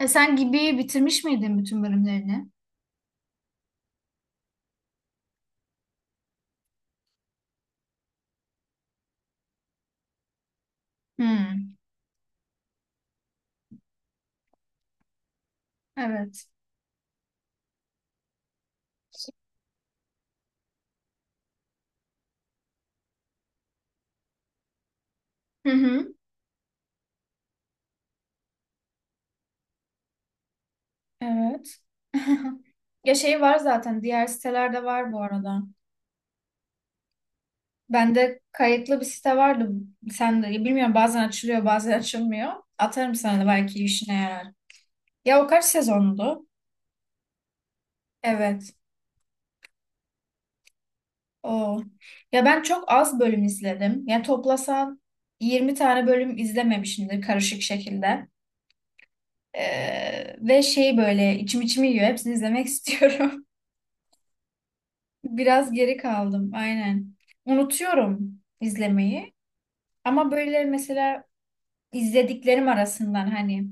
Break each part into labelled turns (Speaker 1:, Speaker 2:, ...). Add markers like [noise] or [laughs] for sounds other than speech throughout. Speaker 1: E sen gibi bitirmiş miydin bütün bölümlerini? Hmm, evet. Hı hı, evet. [laughs] Ya şey var zaten, diğer sitelerde var bu arada. Bende kayıtlı bir site vardı. Sen de bilmiyorum, bazen açılıyor bazen [laughs] açılmıyor. Atarım sana da, belki işine yarar. Ya o kaç sezondu? Evet. O. Ya ben çok az bölüm izledim. Ya toplasan 20 tane bölüm izlememişimdir karışık şekilde. Ve şey böyle içim içimi yiyor. Hepsini izlemek [laughs] istiyorum. Biraz geri kaldım aynen. Unutuyorum izlemeyi, ama böyle mesela izlediklerim arasından hani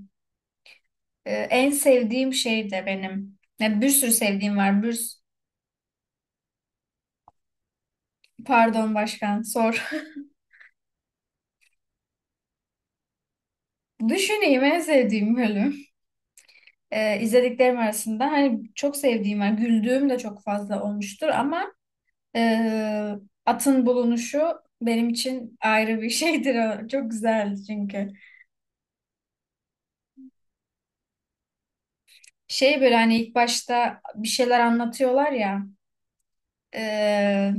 Speaker 1: en sevdiğim şey de benim. Ya bir sürü sevdiğim var. Pardon başkan, sor. [laughs] Düşüneyim en sevdiğim bölüm. İzlediklerim arasında hani çok sevdiğim var. Güldüğüm de çok fazla olmuştur ama e, atın bulunuşu benim için ayrı bir [laughs] şeydir. O çok güzeldi çünkü. Şey böyle hani ilk başta bir şeyler anlatıyorlar ya, e,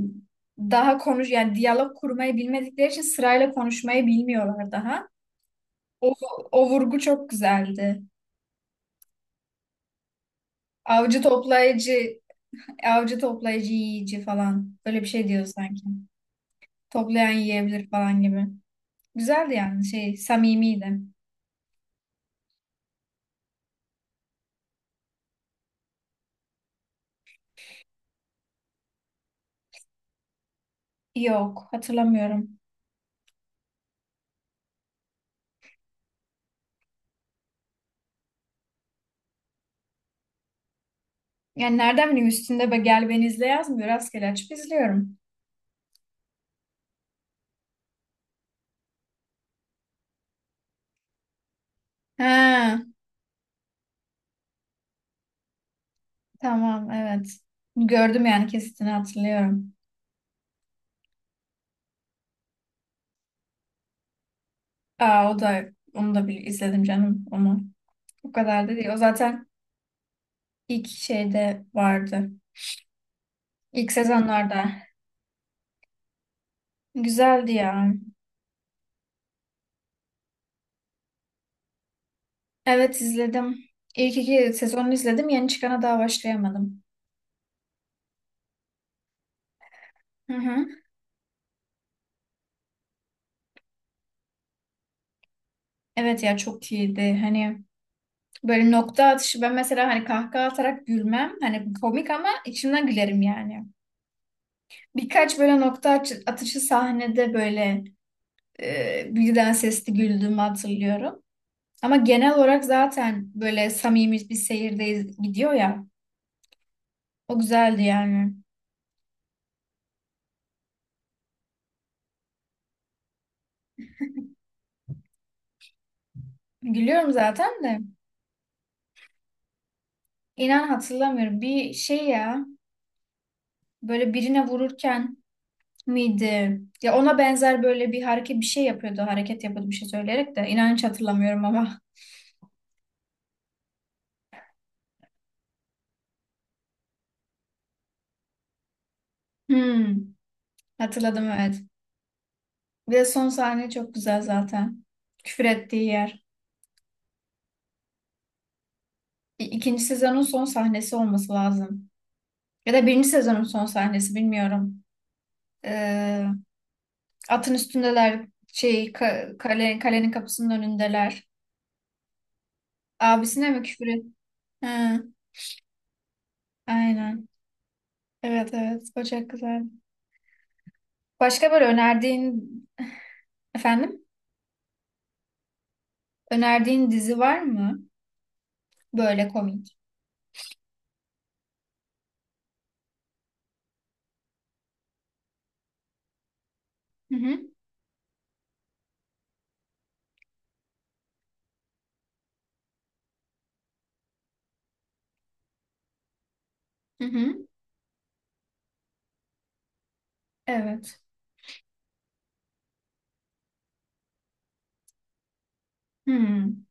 Speaker 1: daha konuş, yani diyalog kurmayı bilmedikleri için sırayla konuşmayı bilmiyorlar daha. O, o vurgu çok güzeldi. Avcı toplayıcı, avcı toplayıcı yiyici falan. Öyle bir şey diyor sanki. Toplayan yiyebilir falan gibi. Güzeldi yani, şey, samimiydi. Yok, hatırlamıyorum. Yani nereden bileyim, üstünde be gel beni izle yazmıyor. Rastgele açıp izliyorum. Ha. Tamam, evet. Gördüm yani, kesitini hatırlıyorum. Aa o da, onu da bir izledim canım onu. O kadar da değil. O zaten ilk şeyde vardı. İlk sezonlarda. Güzeldi ya. Evet, izledim. İlk iki sezonu izledim. Yeni çıkana daha başlayamadım. Hı hı. Evet ya, çok iyiydi. Hani böyle nokta atışı, ben mesela hani kahkaha atarak gülmem. Hani komik ama içimden gülerim yani. Birkaç böyle atışı sahnede böyle birden sesli güldüğümü hatırlıyorum. Ama genel olarak zaten böyle samimi bir seyirdeyiz, gidiyor ya. O güzeldi yani. Gülüyorum zaten de. İnan hatırlamıyorum. Bir şey ya, böyle birine vururken miydi? Ya ona benzer böyle bir hareket, bir şey yapıyordu. Hareket yapıyordu bir şey söyleyerek de. İnan hiç hatırlamıyorum ama. [laughs] Hmm, hatırladım evet. Bir de son sahne çok güzel zaten. Küfür ettiği yer. İkinci sezonun son sahnesi olması lazım. Ya da birinci sezonun son sahnesi, bilmiyorum. Ee, Atın üstündeler, şey kale, kalenin kapısının önündeler. Abisine mi küfür et? Ha, aynen. Evet evet, o çok güzel. Başka böyle önerdiğin, efendim, önerdiğin dizi var mı? Böyle komik. Hı hı. Hı hı. Evet. Hmm.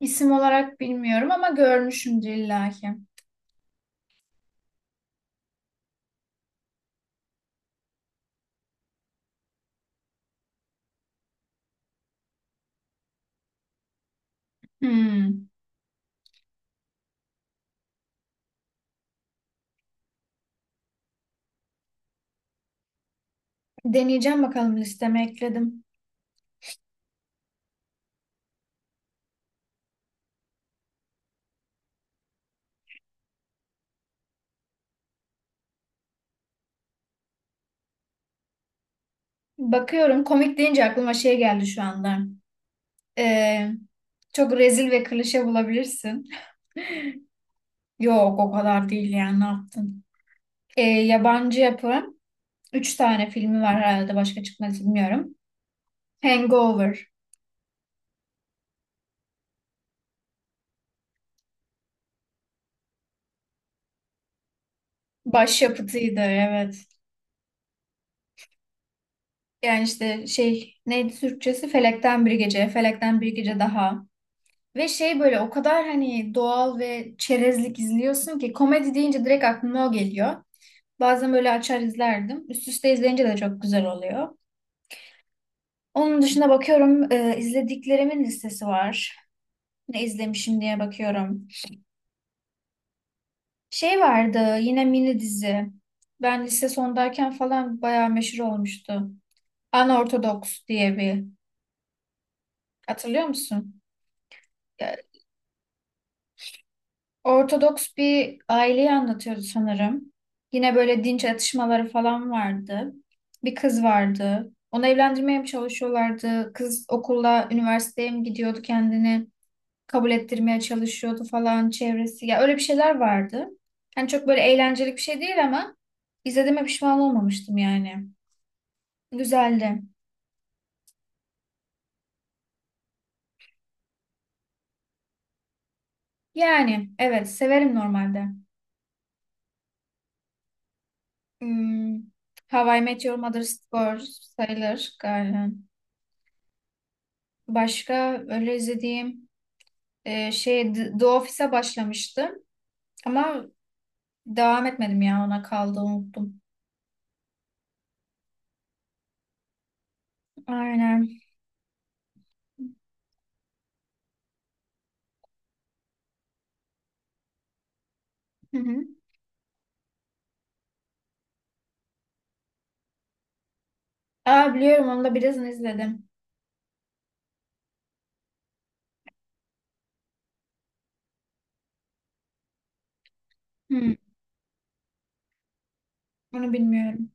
Speaker 1: İsim olarak bilmiyorum ama görmüşümdür illaki. Hmm. Deneyeceğim, bakalım listeme ekledim. Bakıyorum, komik deyince aklıma şey geldi şu anda. Ee, Çok rezil ve klişe bulabilirsin. [laughs] Yok o kadar değil, yani ne yaptın? Yabancı yapım. Üç tane filmi var herhalde, başka çıkmadı bilmiyorum. Hangover. Başyapıtıydı evet. Yani işte şey neydi Türkçesi? Felekten Bir Gece. Felekten Bir Gece daha. Ve şey böyle o kadar hani doğal ve çerezlik izliyorsun ki komedi deyince direkt aklıma o geliyor. Bazen böyle açar izlerdim. Üst üste izleyince de çok güzel oluyor. Onun dışında bakıyorum, izlediklerimin listesi var. Ne izlemişim diye bakıyorum. Şey vardı yine, mini dizi. Ben lise sondayken falan bayağı meşhur olmuştu. Unorthodox diye bir. Hatırlıyor musun? Ortodoks bir aileyi anlatıyordu sanırım. Yine böyle dinç atışmaları falan vardı. Bir kız vardı. Onu evlendirmeye mi çalışıyorlardı? Kız okula, üniversiteye mi gidiyordu kendini? Kabul ettirmeye çalışıyordu falan çevresi. Ya öyle bir şeyler vardı. Yani çok böyle eğlenceli bir şey değil ama izlediğime pişman olmamıştım yani. Güzeldi. Yani evet, severim normalde. Hmm, How I Met Your Mother's Girl sayılır galiba. Başka öyle izlediğim, şey, The Office'e başlamıştım ama devam etmedim, ya ona kaldı unuttum. Aynen. Hı hı. Aa biliyorum, onu da birazını izledim. Hı, onu bilmiyorum.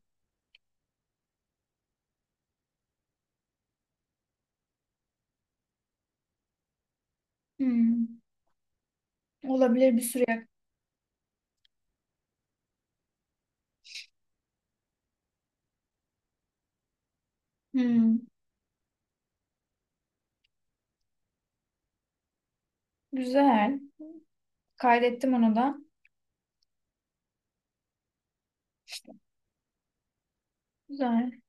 Speaker 1: Hı. Olabilir bir süre. Hı. Güzel. Kaydettim onu da. Güzel.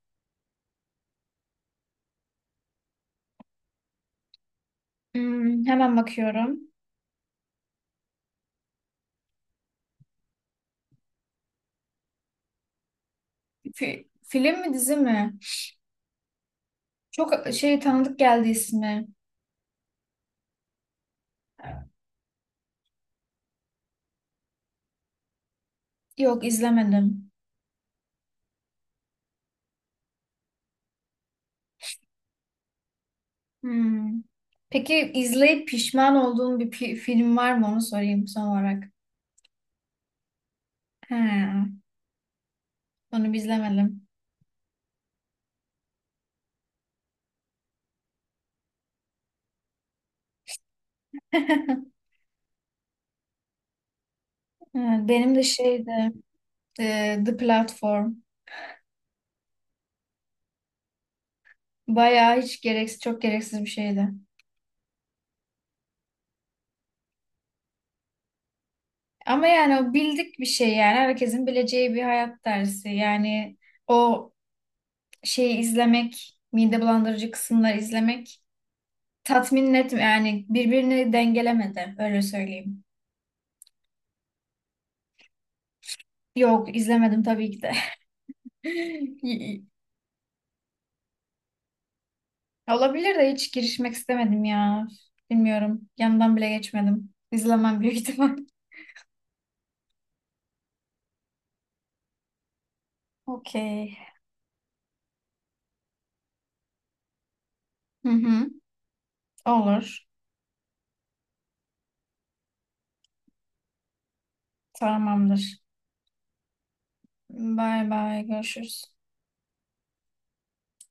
Speaker 1: Hı, hemen bakıyorum. Film mi dizi mi? Çok şey tanıdık geldi ismi. Yok, izlemedim. Hmm. Peki izleyip pişman olduğun bir film var mı, onu sorayım son olarak. He, onu biz izlemedim. [laughs] Evet, benim de şeydi, The Platform. Bayağı hiç gereksiz, çok gereksiz bir şeydi. Ama yani o bildik bir şey, yani herkesin bileceği bir hayat dersi. Yani o şeyi izlemek, mide bulandırıcı kısımları izlemek tatmin etmiyor. Yani birbirini dengelemedi, öyle söyleyeyim. Yok izlemedim tabii ki de. [laughs] Olabilir de hiç girişmek istemedim ya. Bilmiyorum. Yanından bile geçmedim. İzlemem büyük ihtimal. [laughs] Okey. Hı hı. Olur. Tamamdır. Bay bay. Görüşürüz.